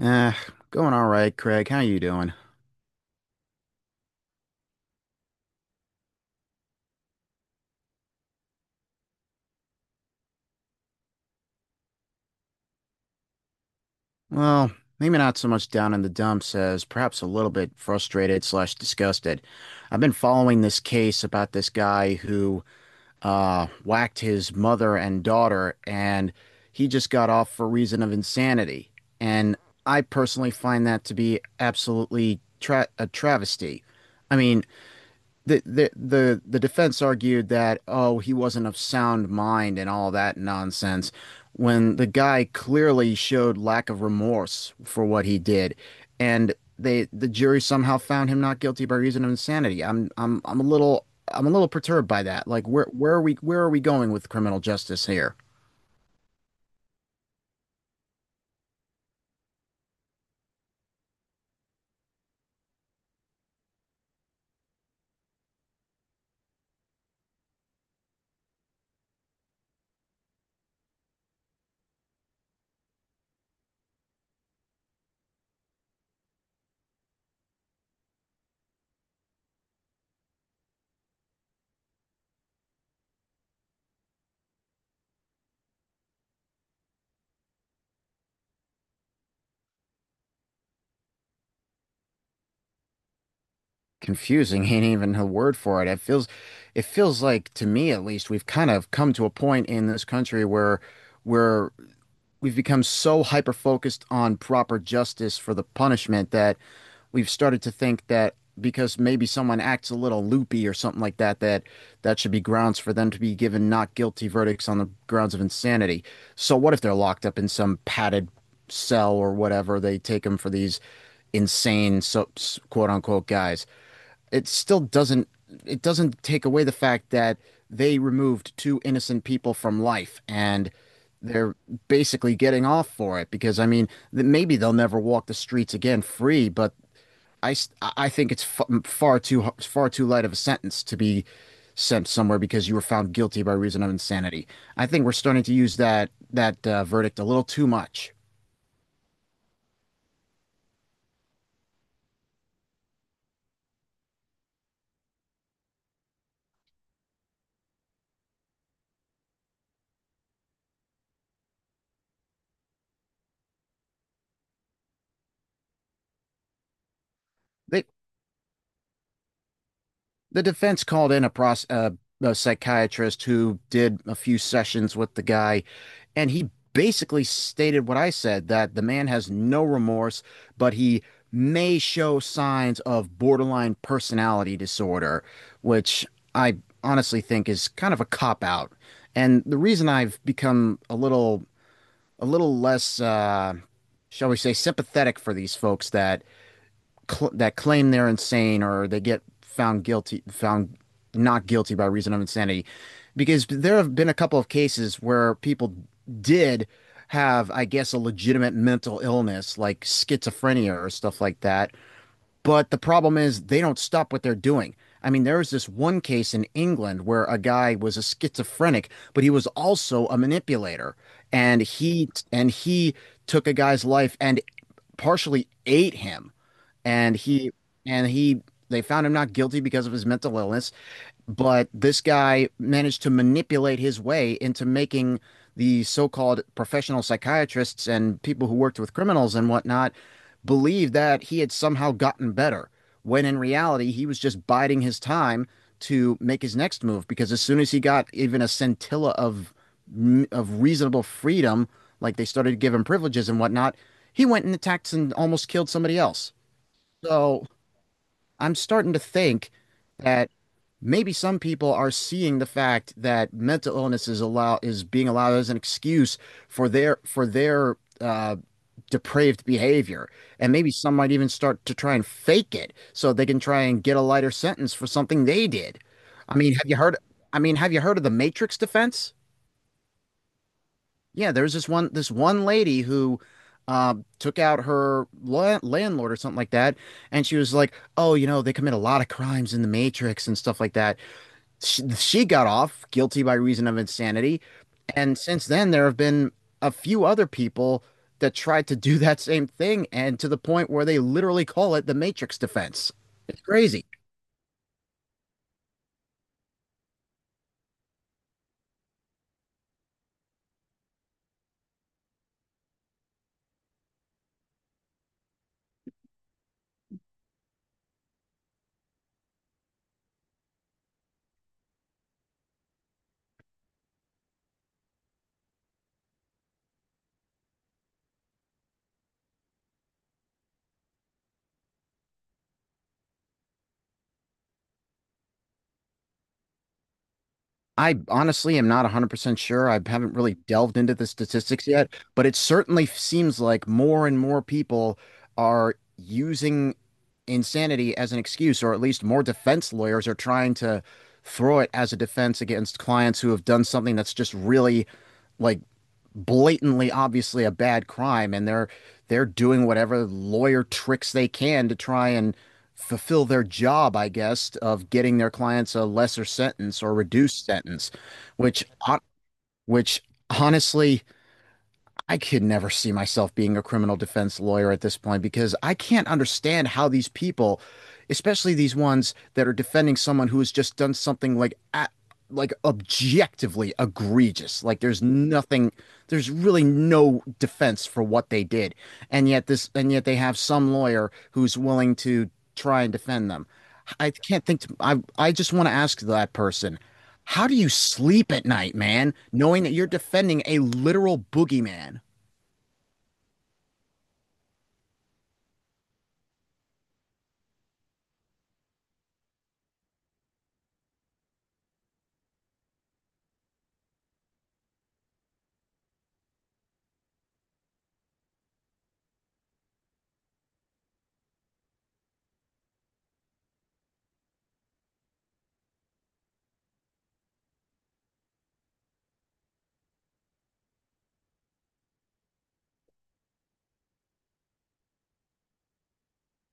Eh, Going all right, Craig. How you doing? Well, maybe not so much down in the dumps as perhaps a little bit frustrated slash disgusted. I've been following this case about this guy who whacked his mother and daughter, and he just got off for reason of insanity. And I personally find that to be absolutely tra a travesty. I mean, the defense argued that he wasn't of sound mind and all that nonsense when the guy clearly showed lack of remorse for what he did, and the jury somehow found him not guilty by reason of insanity. I'm a little perturbed by that. Like, where are we going with criminal justice here? Confusing ain't even a word for it. It feels, it feels like to me, at least, we've kind of come to a point in this country where we're we've become so hyper focused on proper justice for the punishment that we've started to think that because maybe someone acts a little loopy or something like that, that should be grounds for them to be given not guilty verdicts on the grounds of insanity. So what if they're locked up in some padded cell or whatever? They take them for these insane, quote unquote, guys. It still doesn't, it doesn't take away the fact that they removed two innocent people from life, and they're basically getting off for it. Because I mean, maybe they'll never walk the streets again free, but I think it's far too light of a sentence to be sent somewhere because you were found guilty by reason of insanity. I think we're starting to use that verdict a little too much. They the defense called in a, a psychiatrist who did a few sessions with the guy, and he basically stated what I said, that the man has no remorse, but he may show signs of borderline personality disorder, which I honestly think is kind of a cop out. And the reason I've become a little less shall we say sympathetic for these folks that cl that claim they're insane, or they get found guilty, found not guilty by reason of insanity, because there have been a couple of cases where people did have, I guess, a legitimate mental illness like schizophrenia or stuff like that. But the problem is they don't stop what they're doing. I mean, there was this one case in England where a guy was a schizophrenic, but he was also a manipulator, and he took a guy's life and partially ate him, and he they found him not guilty because of his mental illness. But this guy managed to manipulate his way into making the so-called professional psychiatrists and people who worked with criminals and whatnot believe that he had somehow gotten better, when in reality he was just biding his time to make his next move, because as soon as he got even a scintilla of reasonable freedom, like they started to give him privileges and whatnot, he went and attacked and almost killed somebody else. So I'm starting to think that maybe some people are seeing the fact that mental illness is being allowed as an excuse for their depraved behavior, and maybe some might even start to try and fake it so they can try and get a lighter sentence for something they did. I mean, have you heard? I mean, have you heard of the Matrix defense? Yeah, there was this one lady who took out her la landlord or something like that, and she was like, "Oh, you know, they commit a lot of crimes in the Matrix and stuff like that." She got off guilty by reason of insanity, and since then there have been a few other people that tried to do that same thing, and to the point where they literally call it the Matrix defense. It's crazy. I honestly am not 100% sure. I haven't really delved into the statistics yet, but it certainly seems like more and more people are using insanity as an excuse, or at least more defense lawyers are trying to throw it as a defense against clients who have done something that's just really, like, blatantly obviously a bad crime, and they're doing whatever lawyer tricks they can to try and fulfill their job, I guess, of getting their clients a lesser sentence or reduced sentence. Which which honestly, I could never see myself being a criminal defense lawyer at this point, because I can't understand how these people, especially these ones that are defending someone who has just done something like a like objectively egregious. Like there's nothing, there's really no defense for what they did. And yet they have some lawyer who's willing to try and defend them. I can't think to, I just want to ask that person, how do you sleep at night, man, knowing that you're defending a literal boogeyman?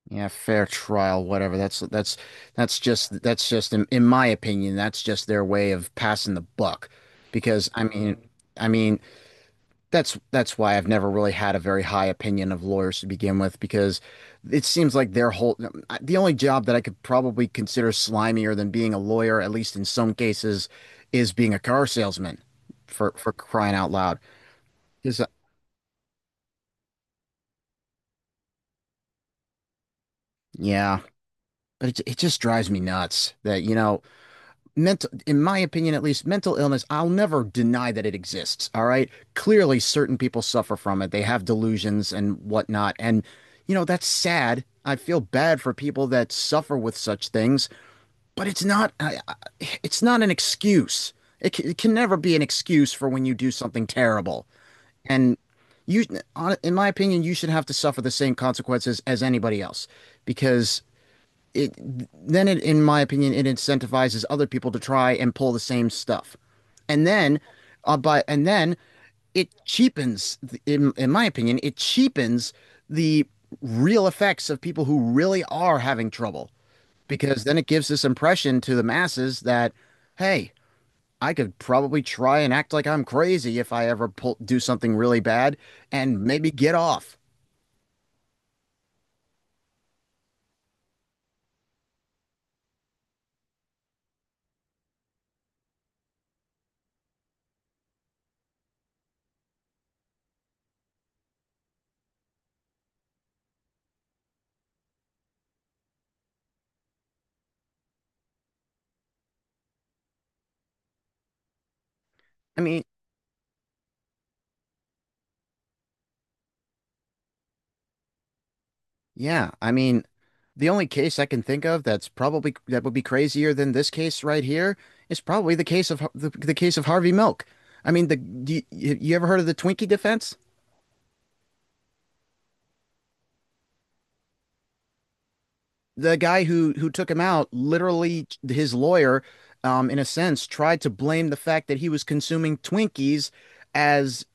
Yeah, fair trial, whatever. That's just in my opinion, that's just their way of passing the buck. Because I mean, that's why I've never really had a very high opinion of lawyers to begin with, because it seems like the only job that I could probably consider slimier than being a lawyer, at least in some cases, is being a car salesman, for crying out loud. Because yeah, but it just drives me nuts, that you know. Mental, in my opinion, at least, mental illness, I'll never deny that it exists, all right? Clearly certain people suffer from it, they have delusions and whatnot, and you know, that's sad. I feel bad for people that suffer with such things, but it's not, it's not an excuse. It can never be an excuse for when you do something terrible, and you in my opinion, you should have to suffer the same consequences as anybody else, because it in my opinion, it incentivizes other people to try and pull the same stuff, and then, uh, but and then, it cheapens, in my opinion, it cheapens the real effects of people who really are having trouble, because then it gives this impression to the masses that, hey, I could probably try and act like I'm crazy if I ever do something really bad and maybe get off. I mean, yeah, I mean, the only case I can think of that's probably, that would be crazier than this case right here, is probably the case of the case of Harvey Milk. I mean, the do you, you ever heard of the Twinkie defense? The guy who took him out, literally his lawyer, in a sense, tried to blame the fact that he was consuming Twinkies as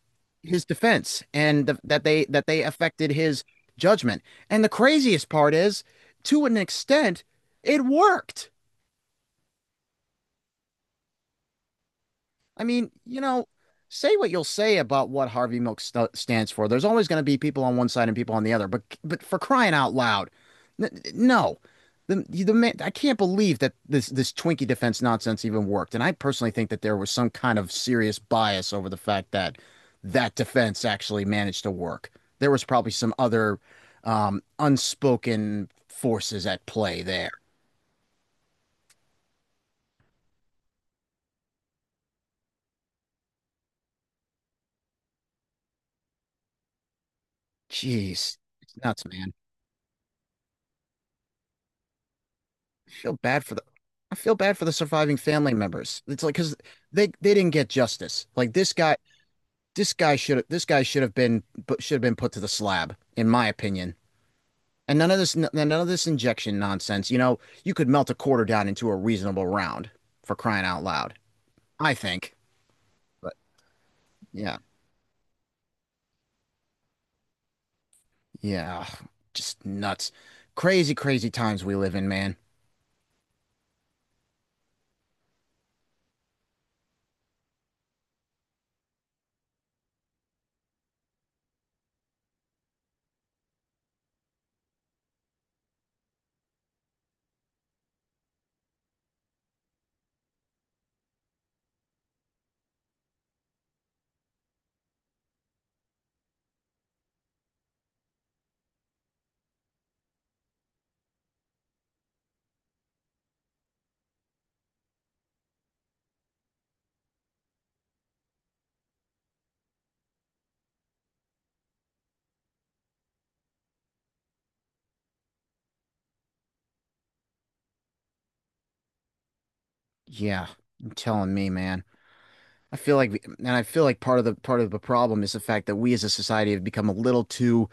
his defense, and that they affected his judgment. And the craziest part is, to an extent, it worked. I mean, you know, say what you'll say about what Harvey Milk st stands for. There's always going to be people on one side and people on the other. But for crying out loud, n- no, the man, I can't believe that this Twinkie defense nonsense even worked. And I personally think that there was some kind of serious bias over the fact that that defense actually managed to work. There was probably some other unspoken forces at play there. Jeez, it's nuts, man. I feel bad for I feel bad for the surviving family members. It's like, because they didn't get justice. Like this guy should have been, should have been put to the slab, in my opinion. And none of this, none of this injection nonsense. You know, you could melt a quarter down into a reasonable round, for crying out loud. I think. But yeah, yeah, just nuts, crazy, crazy times we live in, man. Yeah, I'm telling me, man. I feel like, and I feel like part of the problem is the fact that we as a society have become a little too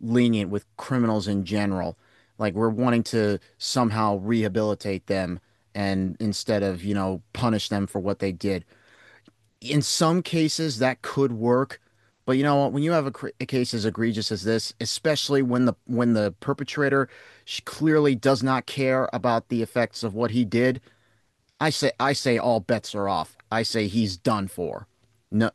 lenient with criminals in general. Like we're wanting to somehow rehabilitate them, and instead of, you know, punish them for what they did. In some cases, that could work, but you know what? When you have a, a case as egregious as this, especially when the perpetrator clearly does not care about the effects of what he did, I say all bets are off. I say he's done for. No,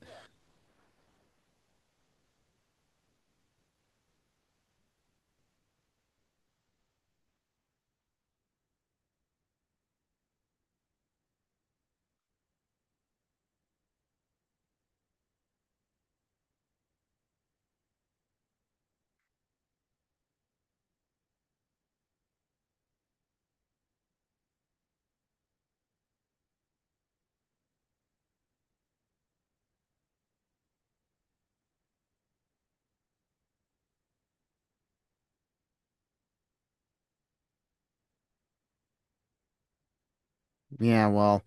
yeah, well,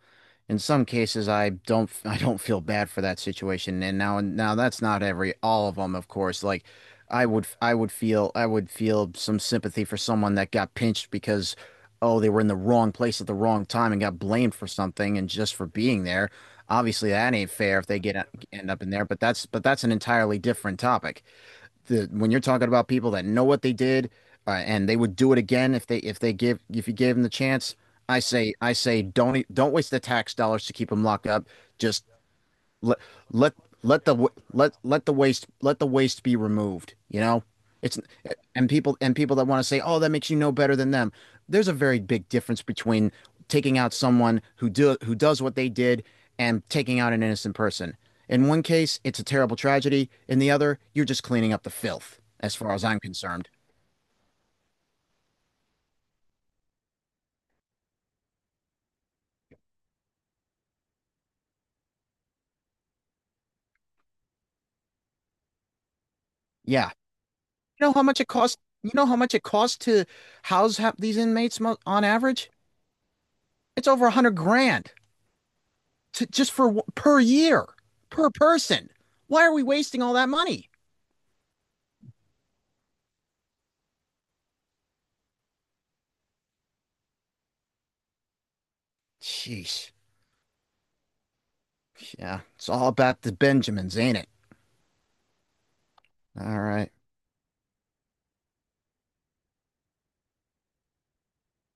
in some cases, I don't, I don't feel bad for that situation. And now, now that's not every, all of them, of course. Like, I would feel some sympathy for someone that got pinched because, oh, they were in the wrong place at the wrong time and got blamed for something, and just for being there. Obviously, that ain't fair if they get end up in there. But that's an entirely different topic. The When you're talking about people that know what they did, and they would do it again if they, if they give if you gave them the chance, I say don't don't waste the tax dollars to keep them locked up. Just let let let the let the waste be removed, you know? It's, and people, and people that want to say, "Oh, that makes you no better than them." There's a very big difference between taking out someone who does what they did, and taking out an innocent person. In one case, it's a terrible tragedy. In the other, you're just cleaning up the filth, as far as I'm concerned. Yeah. You know how much it costs? You know how much it costs to house these inmates on average? It's over 100 grand. To just for, per year, per person. Why are we wasting all that money? Jeez, yeah, it's all about the Benjamins, ain't it? All right,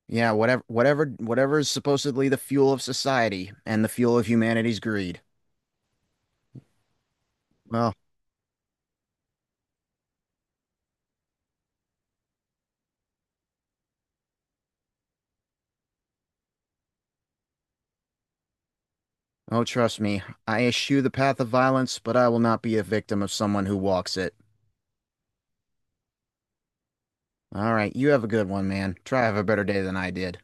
yeah, whatever, whatever, whatever is supposedly the fuel of society and the fuel of humanity's greed. Well, oh, trust me, I eschew the path of violence, but I will not be a victim of someone who walks it. All right, you have a good one, man. Try to have a better day than I did.